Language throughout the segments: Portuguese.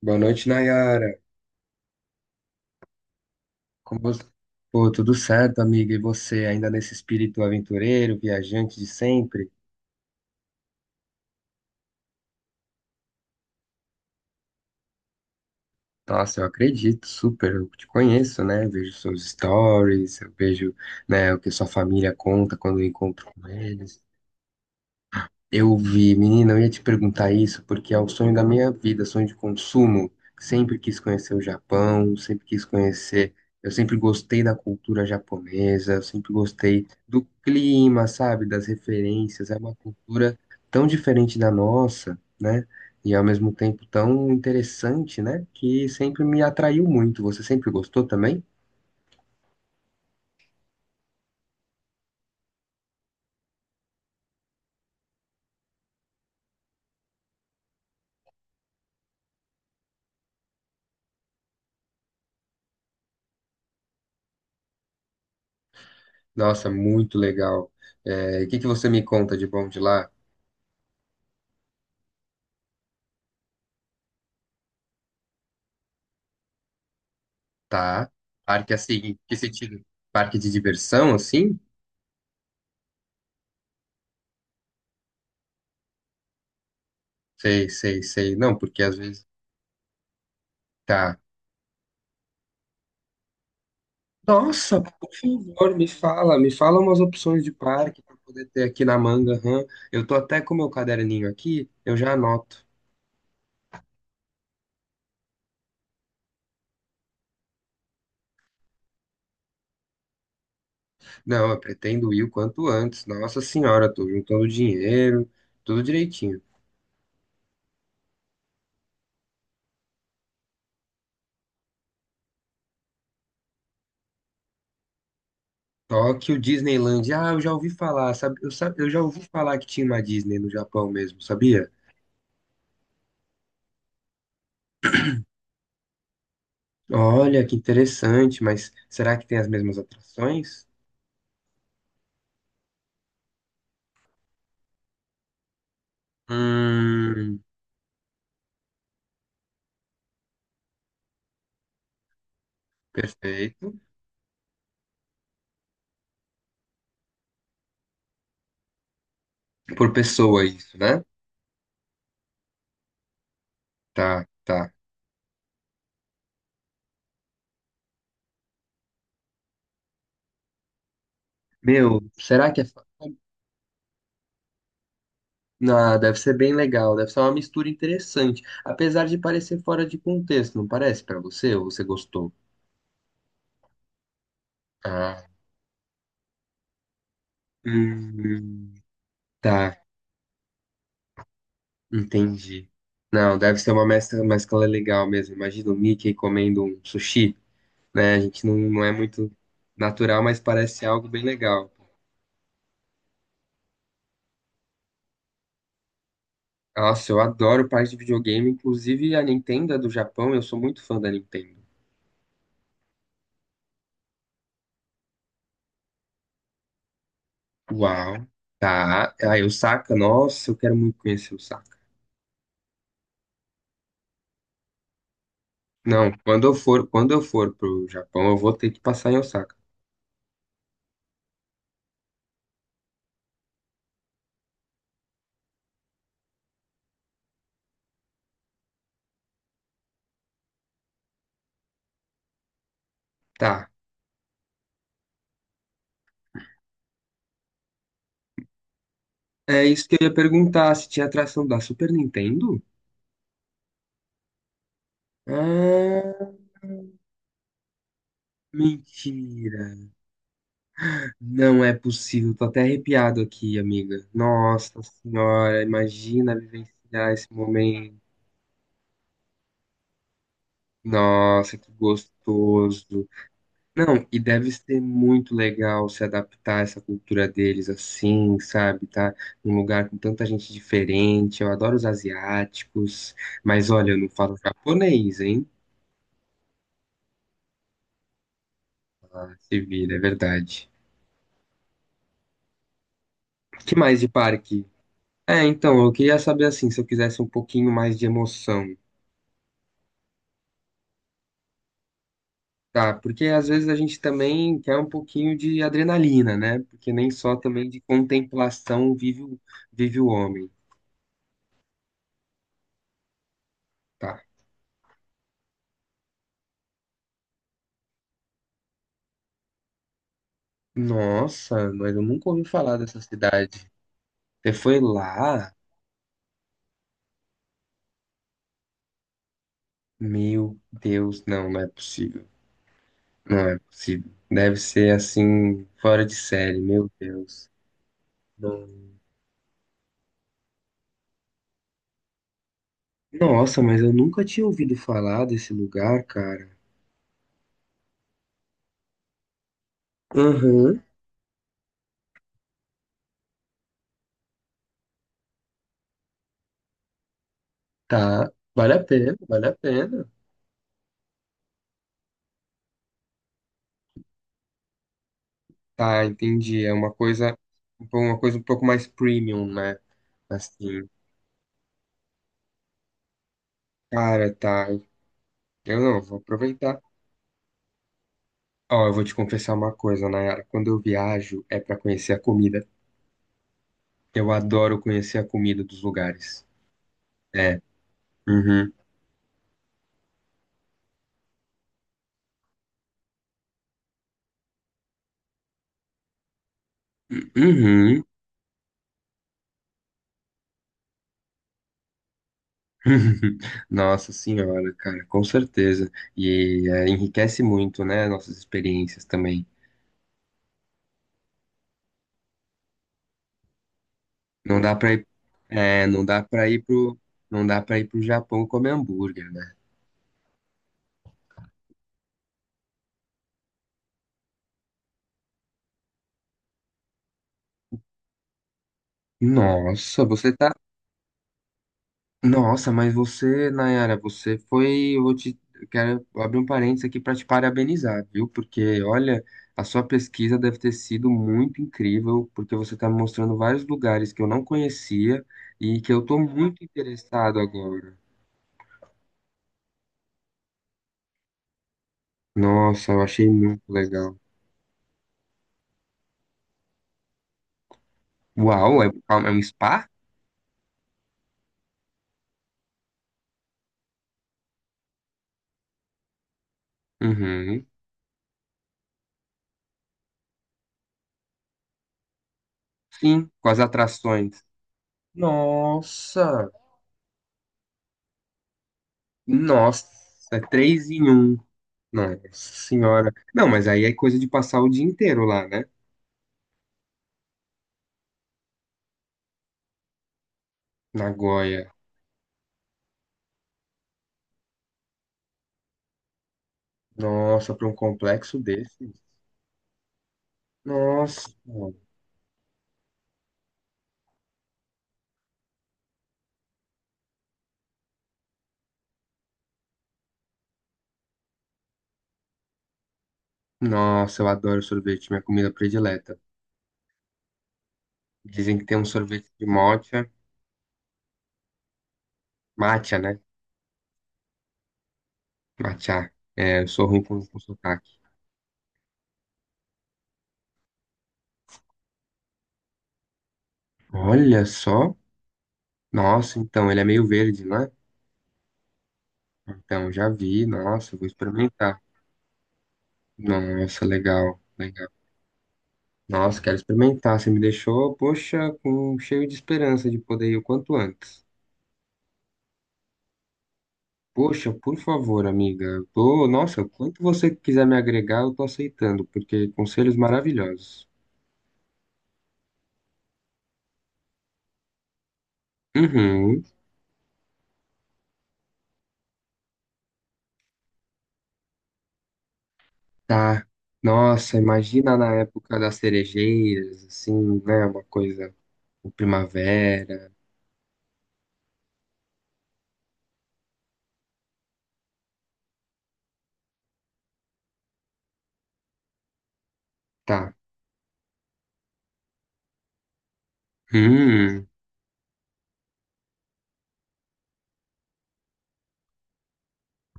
Boa noite, Nayara. Como você... Pô, tudo certo, amiga? E você, ainda nesse espírito aventureiro, viajante de sempre? Nossa, eu acredito, super. Eu te conheço, né? Vejo seus stories, eu vejo, né, o que sua família conta quando eu encontro com eles. Eu vi, menina, eu ia te perguntar isso porque é o sonho da minha vida, sonho de consumo. Sempre quis conhecer o Japão, sempre quis conhecer. Eu sempre gostei da cultura japonesa, eu sempre gostei do clima, sabe? Das referências. É uma cultura tão diferente da nossa, né? E ao mesmo tempo tão interessante, né? Que sempre me atraiu muito. Você sempre gostou também? Nossa, muito legal. É, o que que você me conta de bom de lá? Tá. Parque assim, que sentido? Parque de diversão, assim? Sei, sei, sei. Não, porque às vezes. Tá. Nossa, por favor, me fala umas opções de parque para poder ter aqui na manga. Hã? Eu tô até com meu caderninho aqui, eu já anoto. Não, eu pretendo ir o quanto antes. Nossa senhora, tô juntando dinheiro, tudo direitinho. Tóquio, Disneyland. Ah, eu já ouvi falar, sabe? Eu já ouvi falar que tinha uma Disney no Japão mesmo, sabia? Olha, que interessante, mas será que tem as mesmas atrações? Hum, perfeito. Por pessoa isso, né? Tá, tá. Meu, será que é... fa- Ah, deve ser bem legal, deve ser uma mistura interessante, apesar de parecer fora de contexto, não parece pra você? Ou você gostou? Ah, hum, tá, entendi. Não, deve ser uma mescla, mescla legal mesmo. Imagina o Mickey comendo um sushi, né? A gente não, não é muito natural, mas parece algo bem legal. Nossa, eu adoro parte de videogame, inclusive a Nintendo é do Japão, eu sou muito fã da Nintendo. Uau, tá. Aí o Saka, nossa, eu quero muito conhecer o Saka. Não, quando eu for pro Japão, eu vou ter que passar em Osaka. Tá. É isso que eu ia perguntar, se tinha atração da Super Nintendo? Ah, mentira. Não é possível, tô até arrepiado aqui, amiga. Nossa senhora, imagina vivenciar esse momento. Nossa, que gostoso. Não, e deve ser muito legal se adaptar a essa cultura deles assim, sabe? Tá num lugar com tanta gente diferente. Eu adoro os asiáticos, mas olha, eu não falo japonês, hein? Ah, se vira, é verdade. Que mais de parque? É, então, eu queria saber assim, se eu quisesse um pouquinho mais de emoção, tá? Porque às vezes a gente também quer um pouquinho de adrenalina, né? Porque nem só também de contemplação vive vive o homem, tá? Nossa, mas eu nunca ouvi falar dessa cidade. Você foi lá? Meu Deus, não, não é possível. Não é possível. Deve ser assim, fora de série, meu Deus. Não. Nossa, mas eu nunca tinha ouvido falar desse lugar, cara. Aham, tá. Vale a pena, vale a pena. Tá, entendi. É uma coisa um pouco mais premium, né? Assim, cara, tá. Eu não, vou aproveitar. Ó, eu vou te confessar uma coisa, Nayara. Quando eu viajo, é pra conhecer a comida. Eu adoro conhecer a comida dos lugares. É. Uhum. Uhum. Nossa senhora, cara, com certeza. E é, enriquece muito, né, nossas experiências também. Não dá pra ir, é, não dá não dá para ir pro Japão comer hambúrguer, né? Nossa, você tá. Nossa, mas você, Nayara, você foi. Eu vou te. Eu quero abrir um parênteses aqui para te parabenizar, viu? Porque, olha, a sua pesquisa deve ter sido muito incrível, porque você está me mostrando vários lugares que eu não conhecia e que eu estou muito interessado agora. Nossa, eu achei muito legal. Uau, é, é um spa? Uhum. Sim, com as atrações. Nossa! Nossa, é três em um. Nossa senhora. Não, mas aí é coisa de passar o dia inteiro lá, né? Nagoya. Nossa, pra um complexo desse. Nossa. Nossa, eu adoro sorvete, minha comida predileta. Dizem que tem um sorvete de matcha. Matcha, né? Matcha. É, eu sou ruim com sotaque. Olha só. Nossa, então, ele é meio verde, não é? Então, já vi. Nossa, eu vou experimentar. Nossa, legal, legal. Nossa, quero experimentar. Você me deixou, poxa, com, cheio de esperança de poder ir o quanto antes. Poxa, por favor, amiga. Eu tô, nossa, quanto você quiser me agregar, eu tô aceitando, porque conselhos maravilhosos. Uhum, tá. Nossa, imagina na época das cerejeiras, assim, né? Uma coisa, o primavera. Tá. Hum.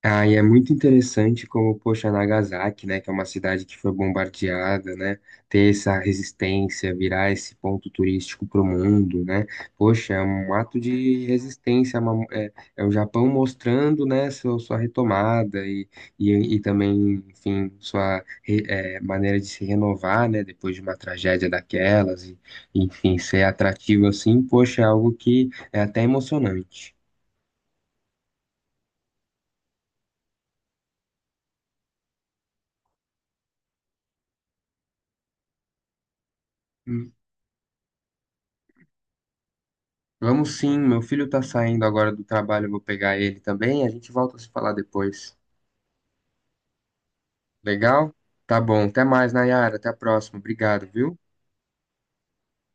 Ah, e é muito interessante como, poxa, Nagasaki, né, que é uma cidade que foi bombardeada, né, ter essa resistência, virar esse ponto turístico para o mundo, né, poxa, é um ato de resistência, é o Japão mostrando, né, seu- sua retomada e também, enfim, sua maneira de se renovar, né, depois de uma tragédia daquelas, e, enfim, ser atrativo assim, poxa, é algo que é até emocionante. Vamos sim, meu filho tá saindo agora do trabalho, eu vou pegar ele também, a gente volta a se falar depois. Legal? Tá bom, até mais, Nayara, até a próxima. Obrigado, viu?